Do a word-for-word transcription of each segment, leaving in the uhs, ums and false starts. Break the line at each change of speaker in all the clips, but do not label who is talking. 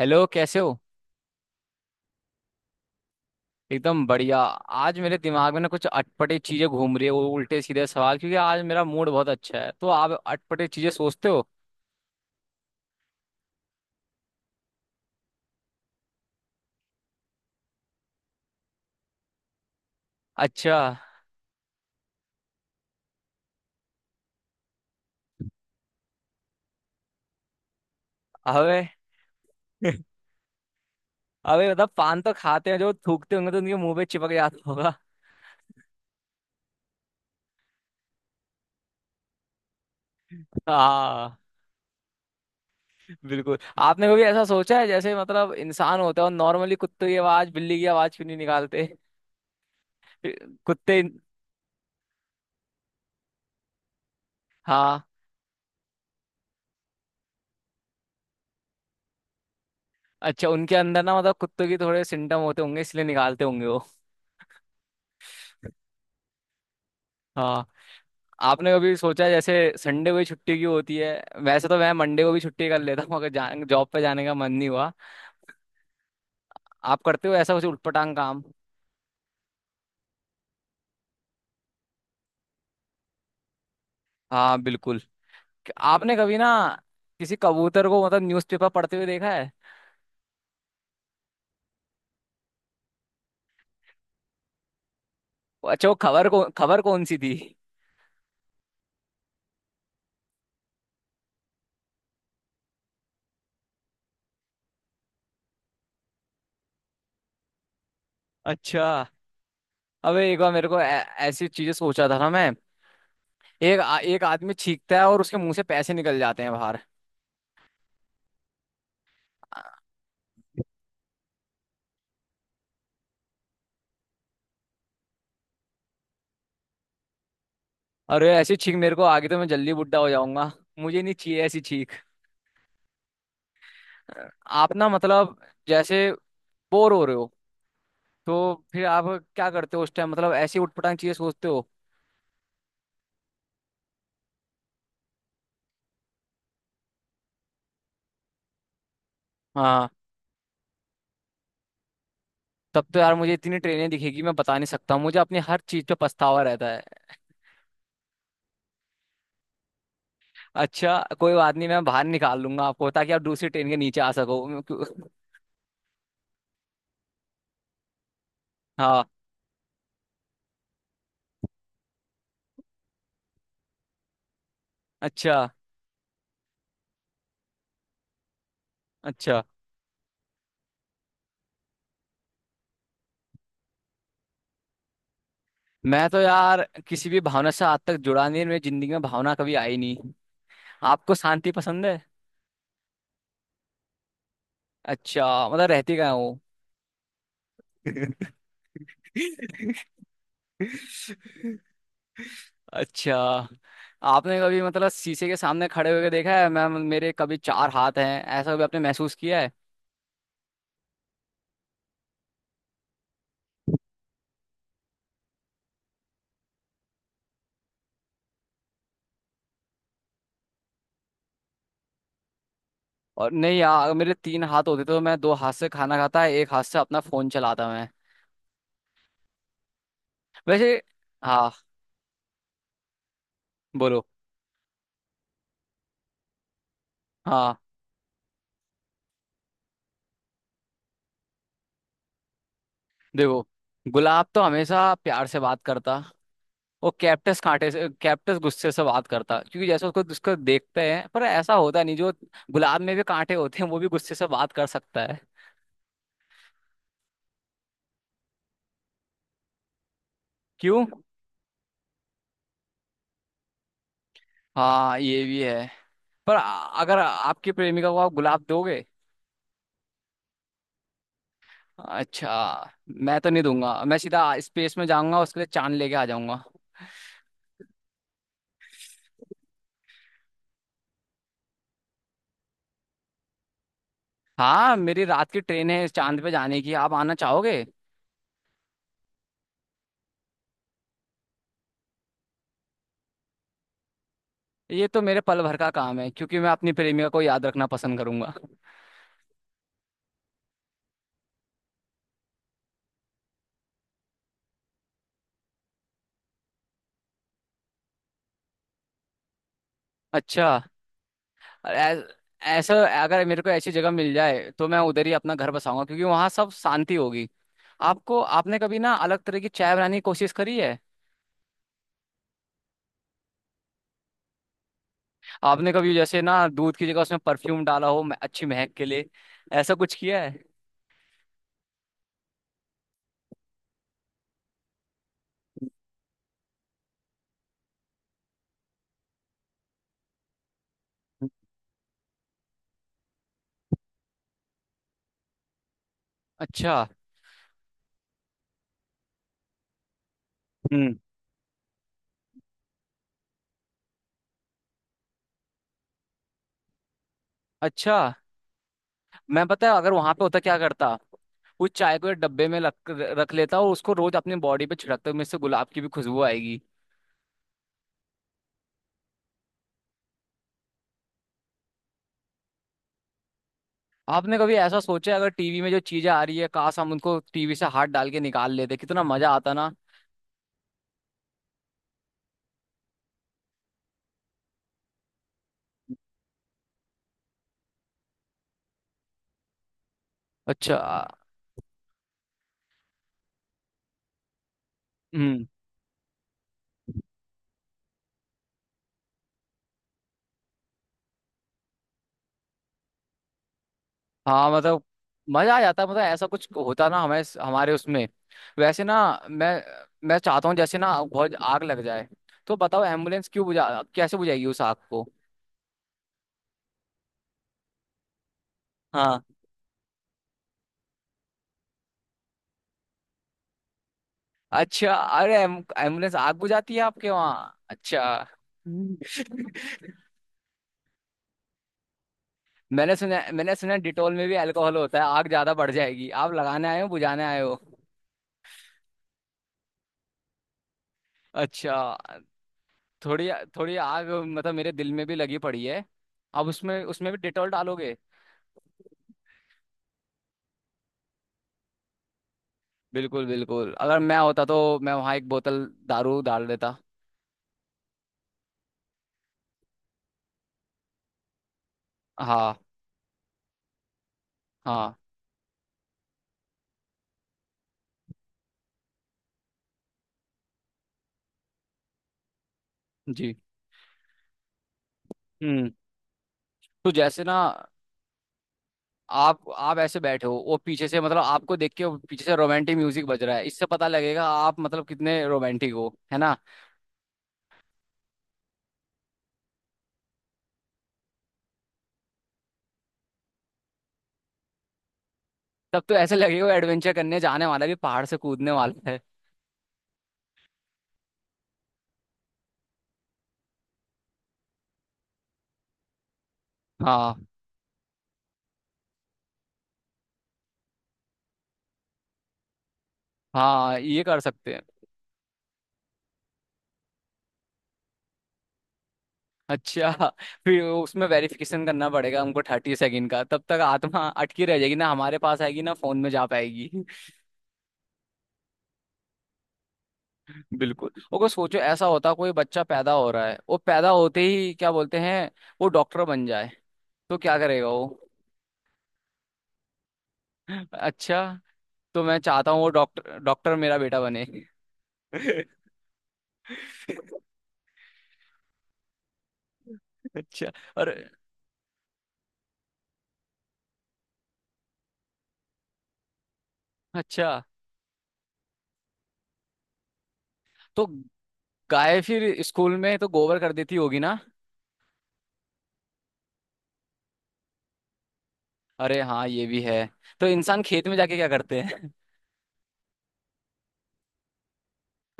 Hello, कैसे हो? एकदम बढ़िया। आज मेरे दिमाग में ना कुछ अटपटे चीजें घूम रही है, वो उल्टे सीधे सवाल, क्योंकि आज मेरा मूड बहुत अच्छा है। तो आप अटपटे चीजें सोचते हो? अच्छा। अबे अबे मतलब पान तो खाते हैं, जो थूकते होंगे तो उनके मुंह पे चिपक जाता होगा। हाँ। बिल्कुल। आपने कभी ऐसा सोचा है जैसे मतलब इंसान होता है और नॉर्मली कुत्ते की आवाज, बिल्ली की आवाज क्यों नहीं निकालते? कुत्ते। हाँ। अच्छा, उनके अंदर ना मतलब कुत्तों की थोड़े सिम्टम होते होंगे इसलिए निकालते होंगे वो। हाँ। आपने कभी सोचा जैसे संडे को ही छुट्टी क्यों होती है? वैसे तो मैं मंडे को भी छुट्टी कर लेता हूँ अगर जा, जॉब पे जाने का मन नहीं हुआ। आप करते हो ऐसा कुछ उटपटांग काम? हाँ, बिल्कुल। आपने कभी ना किसी कबूतर को मतलब न्यूज़पेपर पढ़ते हुए देखा है? अच्छा, वो खबर को खबर कौन सी थी? अच्छा, अबे एक बार मेरे को ऐ- ऐसी चीजें सोचा था ना मैं, एक आ- एक आदमी छींकता है और उसके मुंह से पैसे निकल जाते हैं बाहर। अरे ऐसी छींक मेरे को, आगे तो मैं जल्दी बुड्ढा हो जाऊंगा। मुझे नहीं चाहिए ऐसी छींक। आप ना मतलब जैसे बोर हो रहे हो तो फिर आप क्या करते हो उस टाइम? मतलब ऐसी उठपटांग चीजें सोचते हो? हाँ, तब तो यार मुझे इतनी ट्रेनें दिखेगी, मैं बता नहीं सकता हूँ, मुझे अपनी हर चीज पे पछतावा रहता है। अच्छा, कोई बात नहीं, मैं बाहर निकाल लूंगा आपको ताकि आप दूसरी ट्रेन के नीचे आ सको। मैं क्यों- हाँ। अच्छा। अच्छा, मैं तो यार किसी भी भावना से आज तक जुड़ा नहीं, मेरी जिंदगी में भावना कभी आई नहीं। आपको शांति पसंद है? अच्छा, मतलब रहती कहाँ हो? अच्छा, आपने कभी मतलब शीशे के सामने खड़े होकर देखा है, मैम मेरे कभी चार हाथ हैं, ऐसा कभी आपने महसूस किया है? और नहीं यार, अगर मेरे तीन हाथ होते तो मैं दो हाथ से खाना खाता, एक हाथ से अपना फोन चलाता मैं। वैसे, हाँ। बोलो। हाँ। देखो, गुलाब तो हमेशा प्यार से बात करता। वो कैप्टस कांटे से, कैप्टस गुस्से से बात करता क्योंकि जैसे उसको उसको देखते हैं, पर ऐसा होता नहीं। जो गुलाब में भी कांटे होते हैं वो भी गुस्से से बात कर सकता है। क्यों? हाँ, ये भी है। पर आ- अगर आपकी प्रेमिका को आप गुलाब दोगे? अच्छा, मैं तो नहीं दूंगा, मैं सीधा स्पेस में जाऊंगा, उसके लिए चांद लेके आ जाऊंगा। हाँ, मेरी रात की ट्रेन है चांद पे जाने की, आप आना चाहोगे? ये तो मेरे पल भर का काम है, क्योंकि मैं अपनी प्रेमिका को याद रखना पसंद करूंगा। अच्छा। ऐ- ऐसा, अगर मेरे को ऐसी जगह मिल जाए तो मैं उधर ही अपना घर बसाऊंगा क्योंकि वहां सब शांति होगी। आपको, आपने कभी ना अलग तरह की चाय बनाने की कोशिश करी है? आपने कभी जैसे ना दूध की जगह उसमें परफ्यूम डाला हो, म- अच्छी महक के लिए, ऐसा कुछ किया है? अच्छा। हम्म। अच्छा, मैं पता है अगर वहां पे होता क्या करता, उस चाय को एक डब्बे में रख रख लेता और उसको रोज अपनी बॉडी पे छिड़कता हूँ, इससे गुलाब की भी खुशबू आएगी। आपने कभी ऐसा सोचा है, अगर टीवी में जो चीजें आ रही है काश हम उनको टीवी से हाथ डाल के निकाल लेते, कितना मजा आता ना? अच्छा। हाँ मतलब मजा आ जाता है, मतलब ऐसा कुछ होता ना हमें हमारे उसमें। वैसे ना, मैं मैं चाहता हूँ जैसे ना बहुत आग लग जाए, तो बताओ एम्बुलेंस क्यों बुझा कैसे बुझाएगी उस आग को? हाँ। अच्छा, अरे एम, एम्बुलेंस आग बुझाती है आपके वहाँ? अच्छा। हम्म। मैंने सुना मैंने सुना डिटोल में भी अल्कोहल होता है, आग ज्यादा बढ़ जाएगी, आप लगाने आए हो बुझाने आए हो। अच्छा, थोड़ी थोड़ी आग मतलब मेरे दिल में भी लगी पड़ी है। अब उसमें उसमें भी डिटोल डालोगे? बिल्कुल बिल्कुल, अगर मैं होता तो मैं वहाँ एक बोतल दारू डाल देता। हाँ। हाँ जी। हम्म। तो जैसे ना आप आप ऐसे बैठे हो वो पीछे से मतलब आपको देख के वो पीछे से रोमांटिक म्यूजिक बज रहा है, इससे पता लगेगा आप मतलब कितने रोमांटिक हो, है ना? तब तो ऐसे लगेगा वो एडवेंचर करने जाने वाला है, ये पहाड़ से कूदने वाला है। हाँ, हाँ ये कर सकते हैं। अच्छा, फिर उसमें वेरिफिकेशन करना पड़ेगा हमको थर्टी सेकंड का, तब तक आत्मा अटकी रह जाएगी, ना हमारे पास आएगी ना फोन में जा पाएगी। बिल्कुल, वो को सोचो ऐसा होता कोई बच्चा पैदा हो रहा है वो पैदा होते ही क्या बोलते हैं, वो डॉक्टर बन जाए तो क्या करेगा वो? अच्छा, तो मैं चाहता हूँ वो डॉक्टर डॉक्टर मेरा बेटा बने। अच्छा। और। अच्छा, तो गाय फिर स्कूल में तो गोबर कर देती होगी ना? अरे हाँ, ये भी है। तो इंसान खेत में जाके क्या करते?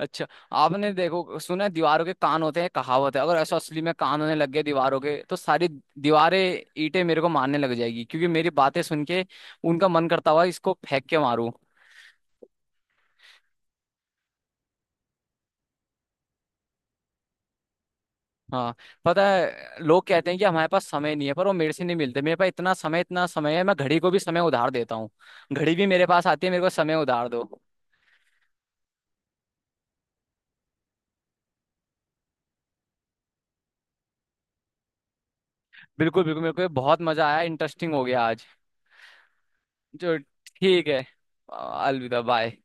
अच्छा, आपने देखो सुना है, दीवारों के कान होते हैं कहावत है, अगर ऐसा असली में कान होने लग गए दीवारों के तो सारी दीवारें, ईंटें मेरे को मारने लग जाएगी क्योंकि मेरी बातें सुन के उनका मन करता हुआ इसको फेंक के मारूं। हाँ, पता है लोग कहते हैं कि हमारे पास समय नहीं है, पर वो मेरे से नहीं मिलते, मेरे पास इतना समय इतना समय है, मैं घड़ी को भी समय उधार देता हूँ। घड़ी भी मेरे पास आती है, मेरे को समय उधार दो। बिल्कुल बिल्कुल, मेरे को ये बहुत मजा आया, इंटरेस्टिंग हो गया आज। जो ठीक है। अलविदा, बाय।